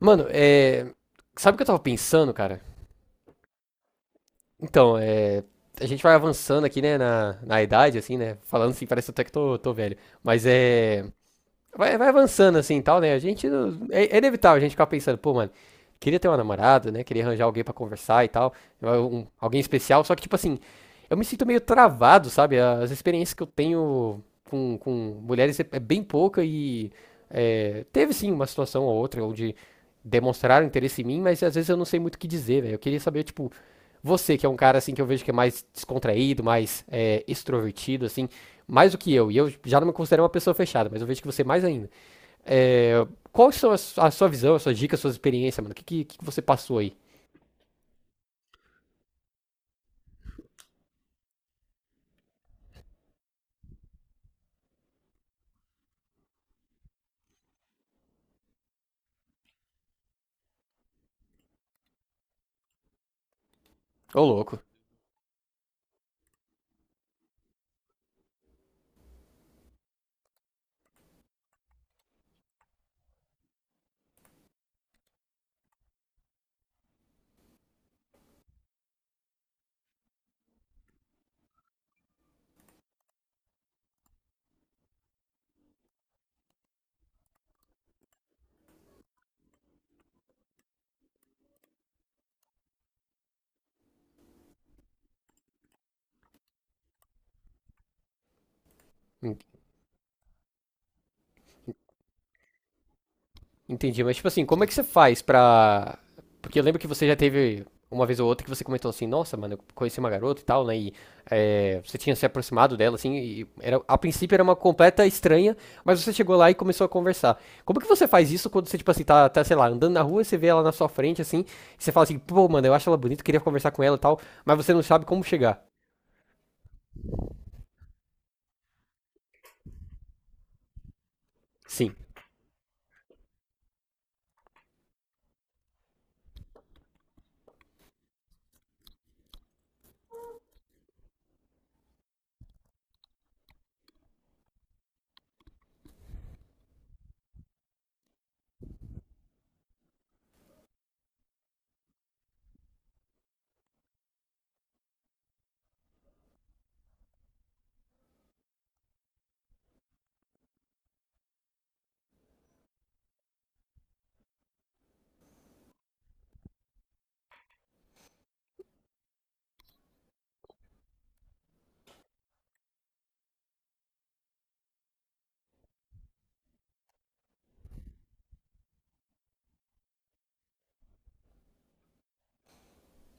Mano, é. Sabe o que eu tava pensando, cara? Então. A gente vai avançando aqui, né, na idade, assim, né? Falando assim, parece até que tô velho. Mas é. Vai avançando assim e tal, né? A gente. É, é inevitável a gente ficar pensando, pô, mano, queria ter uma namorada, né? Queria arranjar alguém pra conversar e tal. Alguém especial. Só que, tipo assim, eu me sinto meio travado, sabe? As experiências que eu tenho com mulheres é bem pouca e. É, teve sim uma situação ou outra onde demonstraram interesse em mim, mas às vezes eu não sei muito o que dizer, velho. Eu queria saber, tipo, você que é um cara assim que eu vejo que é mais descontraído, mais extrovertido, assim mais do que eu, e eu já não me considero uma pessoa fechada, mas eu vejo que você mais ainda. É, qual são sua visão, as suas dicas, as suas experiências, mano? O que você passou aí? Ô, louco. Entendi, mas tipo assim, como é que você faz pra. Porque eu lembro que você já teve uma vez ou outra que você comentou assim, nossa, mano, eu conheci uma garota e tal, né? E é, você tinha se aproximado dela, assim, e era, a princípio era uma completa estranha, mas você chegou lá e começou a conversar. Como que você faz isso quando você, tipo assim, tá, sei lá, andando na rua, e você vê ela na sua frente, assim, e você fala assim, pô, mano, eu acho ela bonita, queria conversar com ela e tal, mas você não sabe como chegar. Sim,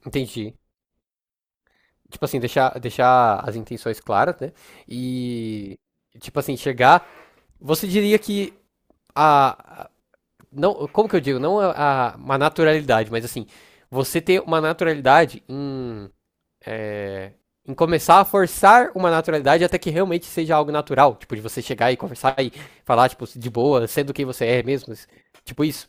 entendi. Tipo assim, deixar as intenções claras, né? E, tipo assim, chegar. Você diria que a. Não, como que eu digo? Não uma naturalidade, mas assim, você ter uma naturalidade em, em começar a forçar uma naturalidade até que realmente seja algo natural. Tipo, de você chegar e conversar e falar, tipo, de boa, sendo quem você é mesmo. Tipo isso.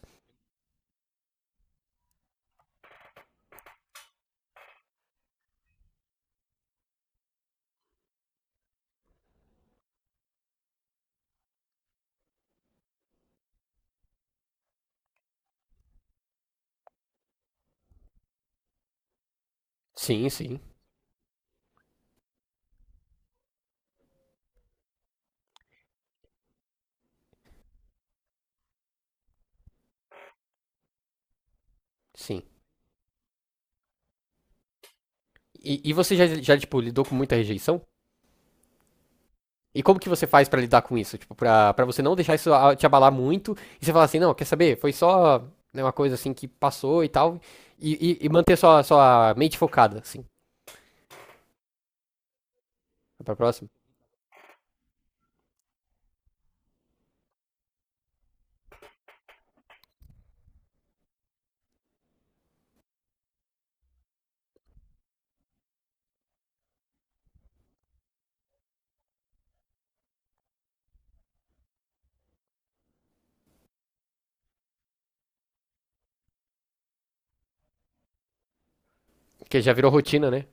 Sim, sim, sim. E você já, já, tipo, lidou com muita rejeição? E como que você faz pra lidar com isso? Tipo, pra você não deixar isso te abalar muito e você falar assim, não, quer saber? Foi só né, uma coisa assim que passou e tal. E, e manter sua, sua mente focada, assim. Vai pra próxima. Porque já virou rotina, né?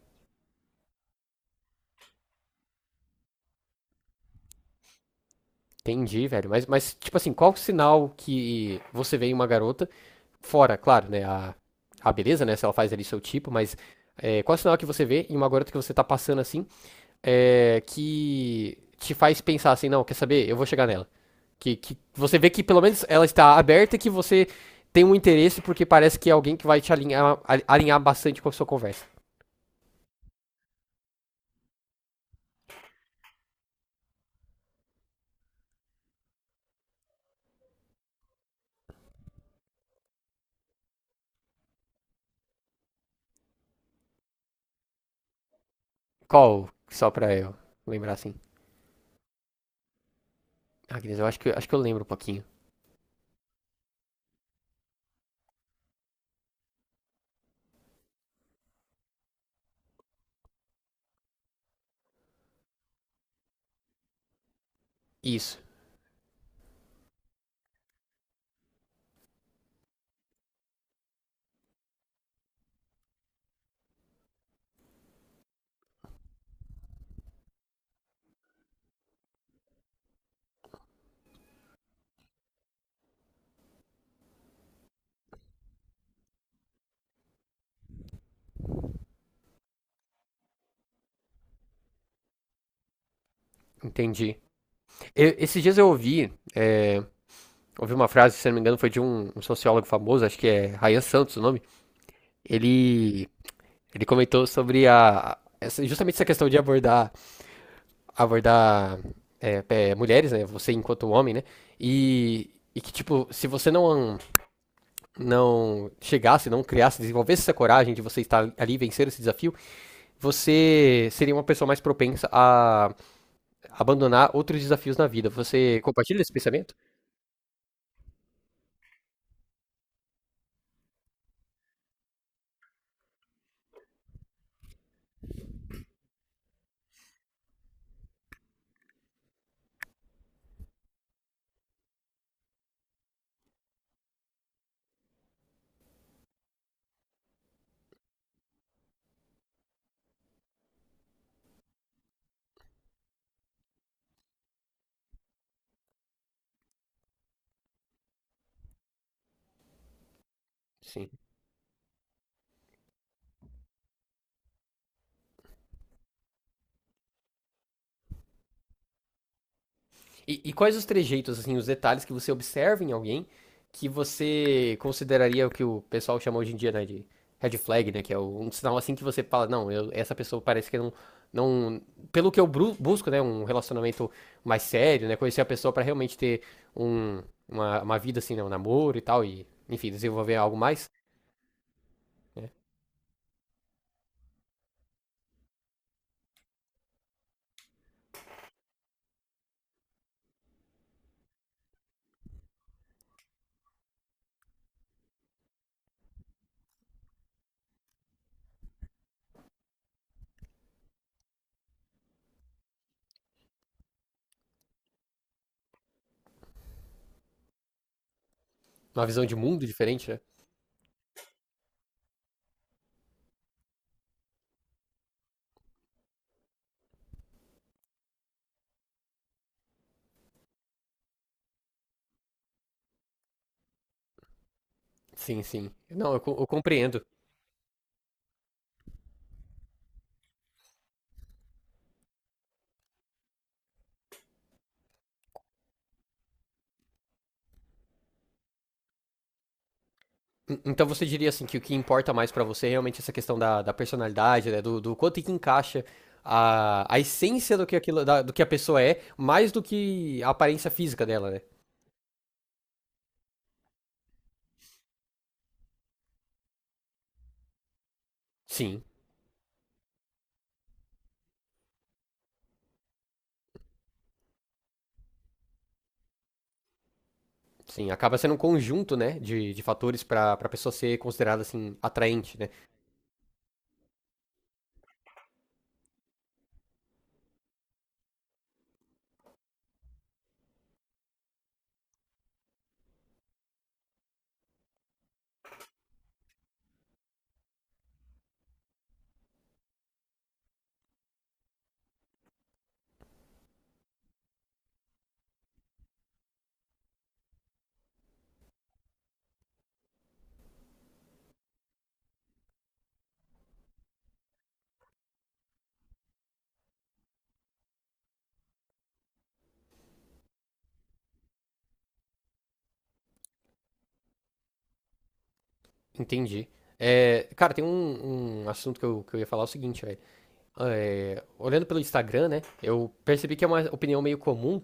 Entendi, velho. Mas, tipo assim, qual o sinal que você vê em uma garota? Fora, claro, né? A beleza, né? Se ela faz ali seu tipo, mas é, qual o sinal que você vê em uma garota que você tá passando assim? É, que te faz pensar assim, não, quer saber? Eu vou chegar nela. Que você vê que pelo menos ela está aberta e que você tem um interesse porque parece que é alguém que vai te alinhar, alinhar bastante com a sua conversa. Qual? Só pra eu lembrar assim. Ah, Guinness, eu acho que eu lembro um pouquinho. Isso. Entendi. Esses dias eu ouvi, é, ouvi uma frase, se não me engano, foi de um, um sociólogo famoso, acho que é Ryan Santos o nome. Ele, ele comentou sobre justamente essa questão de abordar, abordar é, é, mulheres, né? Você enquanto homem, né? E que, tipo, se você não, não chegasse, não criasse, desenvolvesse essa coragem de você estar ali e vencer esse desafio, você seria uma pessoa mais propensa a abandonar outros desafios na vida. Você compartilha esse pensamento? Sim. E quais os trejeitos, assim, os detalhes que você observa em alguém que você consideraria o que o pessoal chama hoje em dia, né, de red flag, né, que é um sinal assim que você fala, não, essa pessoa parece que não, não, pelo que eu busco, né, um relacionamento mais sério, né, conhecer a pessoa pra realmente ter um, uma vida assim, né, um namoro e tal, e, enfim, desenvolver algo mais, né, uma visão de mundo diferente, né? Sim, sim. Não, eu, eu compreendo. Então você diria assim que o que importa mais pra você é realmente essa questão da, da personalidade, né? Do, do quanto que encaixa a essência do que aquilo, do que a pessoa é, mais do que a aparência física dela, né? Sim, sim. Acaba sendo um conjunto, né, de fatores pra para pessoa ser considerada assim atraente, né? Entendi. É, cara, tem um, um assunto que eu ia falar é o seguinte, velho. É, olhando pelo Instagram, né? Eu percebi que é uma opinião meio comum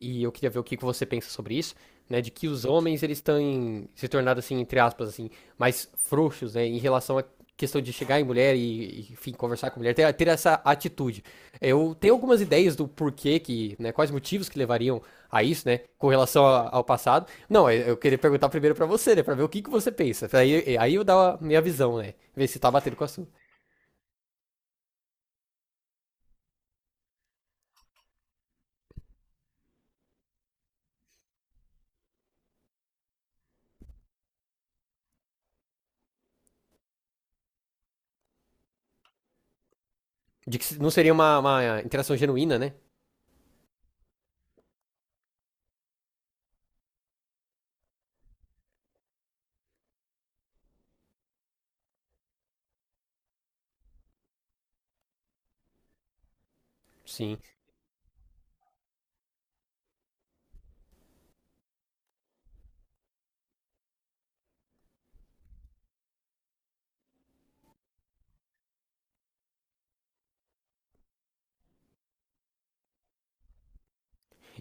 e eu queria ver o que que você pensa sobre isso, né, de que os homens eles estão se tornando assim, entre aspas, assim, mais frouxos, né, em relação à questão de chegar em mulher e, enfim, conversar com mulher, ter, ter essa atitude. Eu tenho algumas ideias do porquê que, né, quais motivos que levariam a isso, né, com relação ao passado. Não, eu queria perguntar primeiro pra você, né, para ver o que que você pensa. Aí, aí eu dar a minha visão, né, ver se tá batendo com a sua. De que não seria uma interação genuína, né? Sim.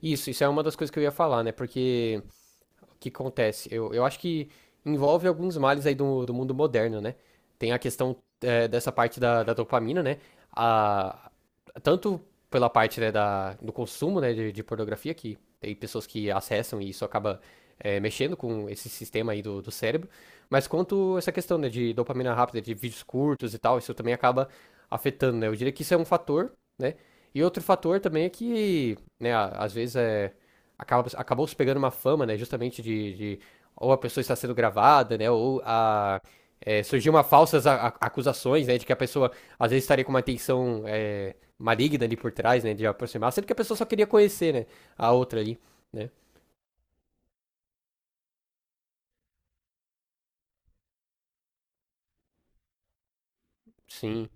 Isso é uma das coisas que eu ia falar, né? Porque que acontece? Eu acho que envolve alguns males aí do, do mundo moderno, né? Tem a questão é, dessa parte da, da dopamina, né? A, tanto pela parte né, da, do consumo né, de pornografia, que tem pessoas que acessam e isso acaba é, mexendo com esse sistema aí do, do cérebro, mas quanto essa questão né, de dopamina rápida, de vídeos curtos e tal, isso também acaba afetando, né? Eu diria que isso é um fator, né? E outro fator também é que, né, às vezes é, acaba, acabou se pegando uma fama, né? Justamente de ou a pessoa está sendo gravada, né? Ou a, é, surgiu uma falsas acusações, né? De que a pessoa às vezes estaria com uma intenção é, maligna ali por trás, né? De aproximar, sendo que a pessoa só queria conhecer, né? A outra ali, né? Sim,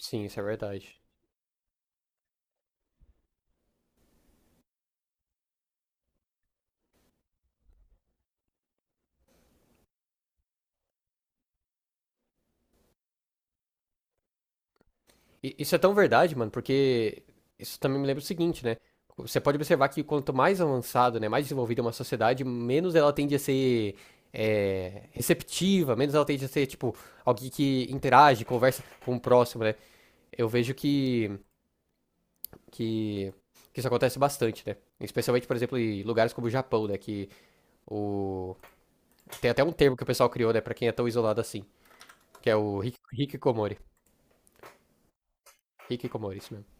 sim, isso é verdade. Isso é tão verdade, mano, porque isso também me lembra o seguinte, né? Você pode observar que quanto mais avançado, né, mais desenvolvida é uma sociedade, menos ela tende a ser é, receptiva, menos ela tende a ser, tipo, alguém que interage, conversa com o próximo, né? Eu vejo que, que isso acontece bastante, né? Especialmente, por exemplo, em lugares como o Japão, né? Que o... tem até um termo que o pessoal criou, né, pra quem é tão isolado assim, que é o Hikikomori. Hikikomori, isso mesmo.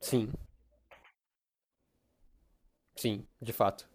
Sim, sim, de fato.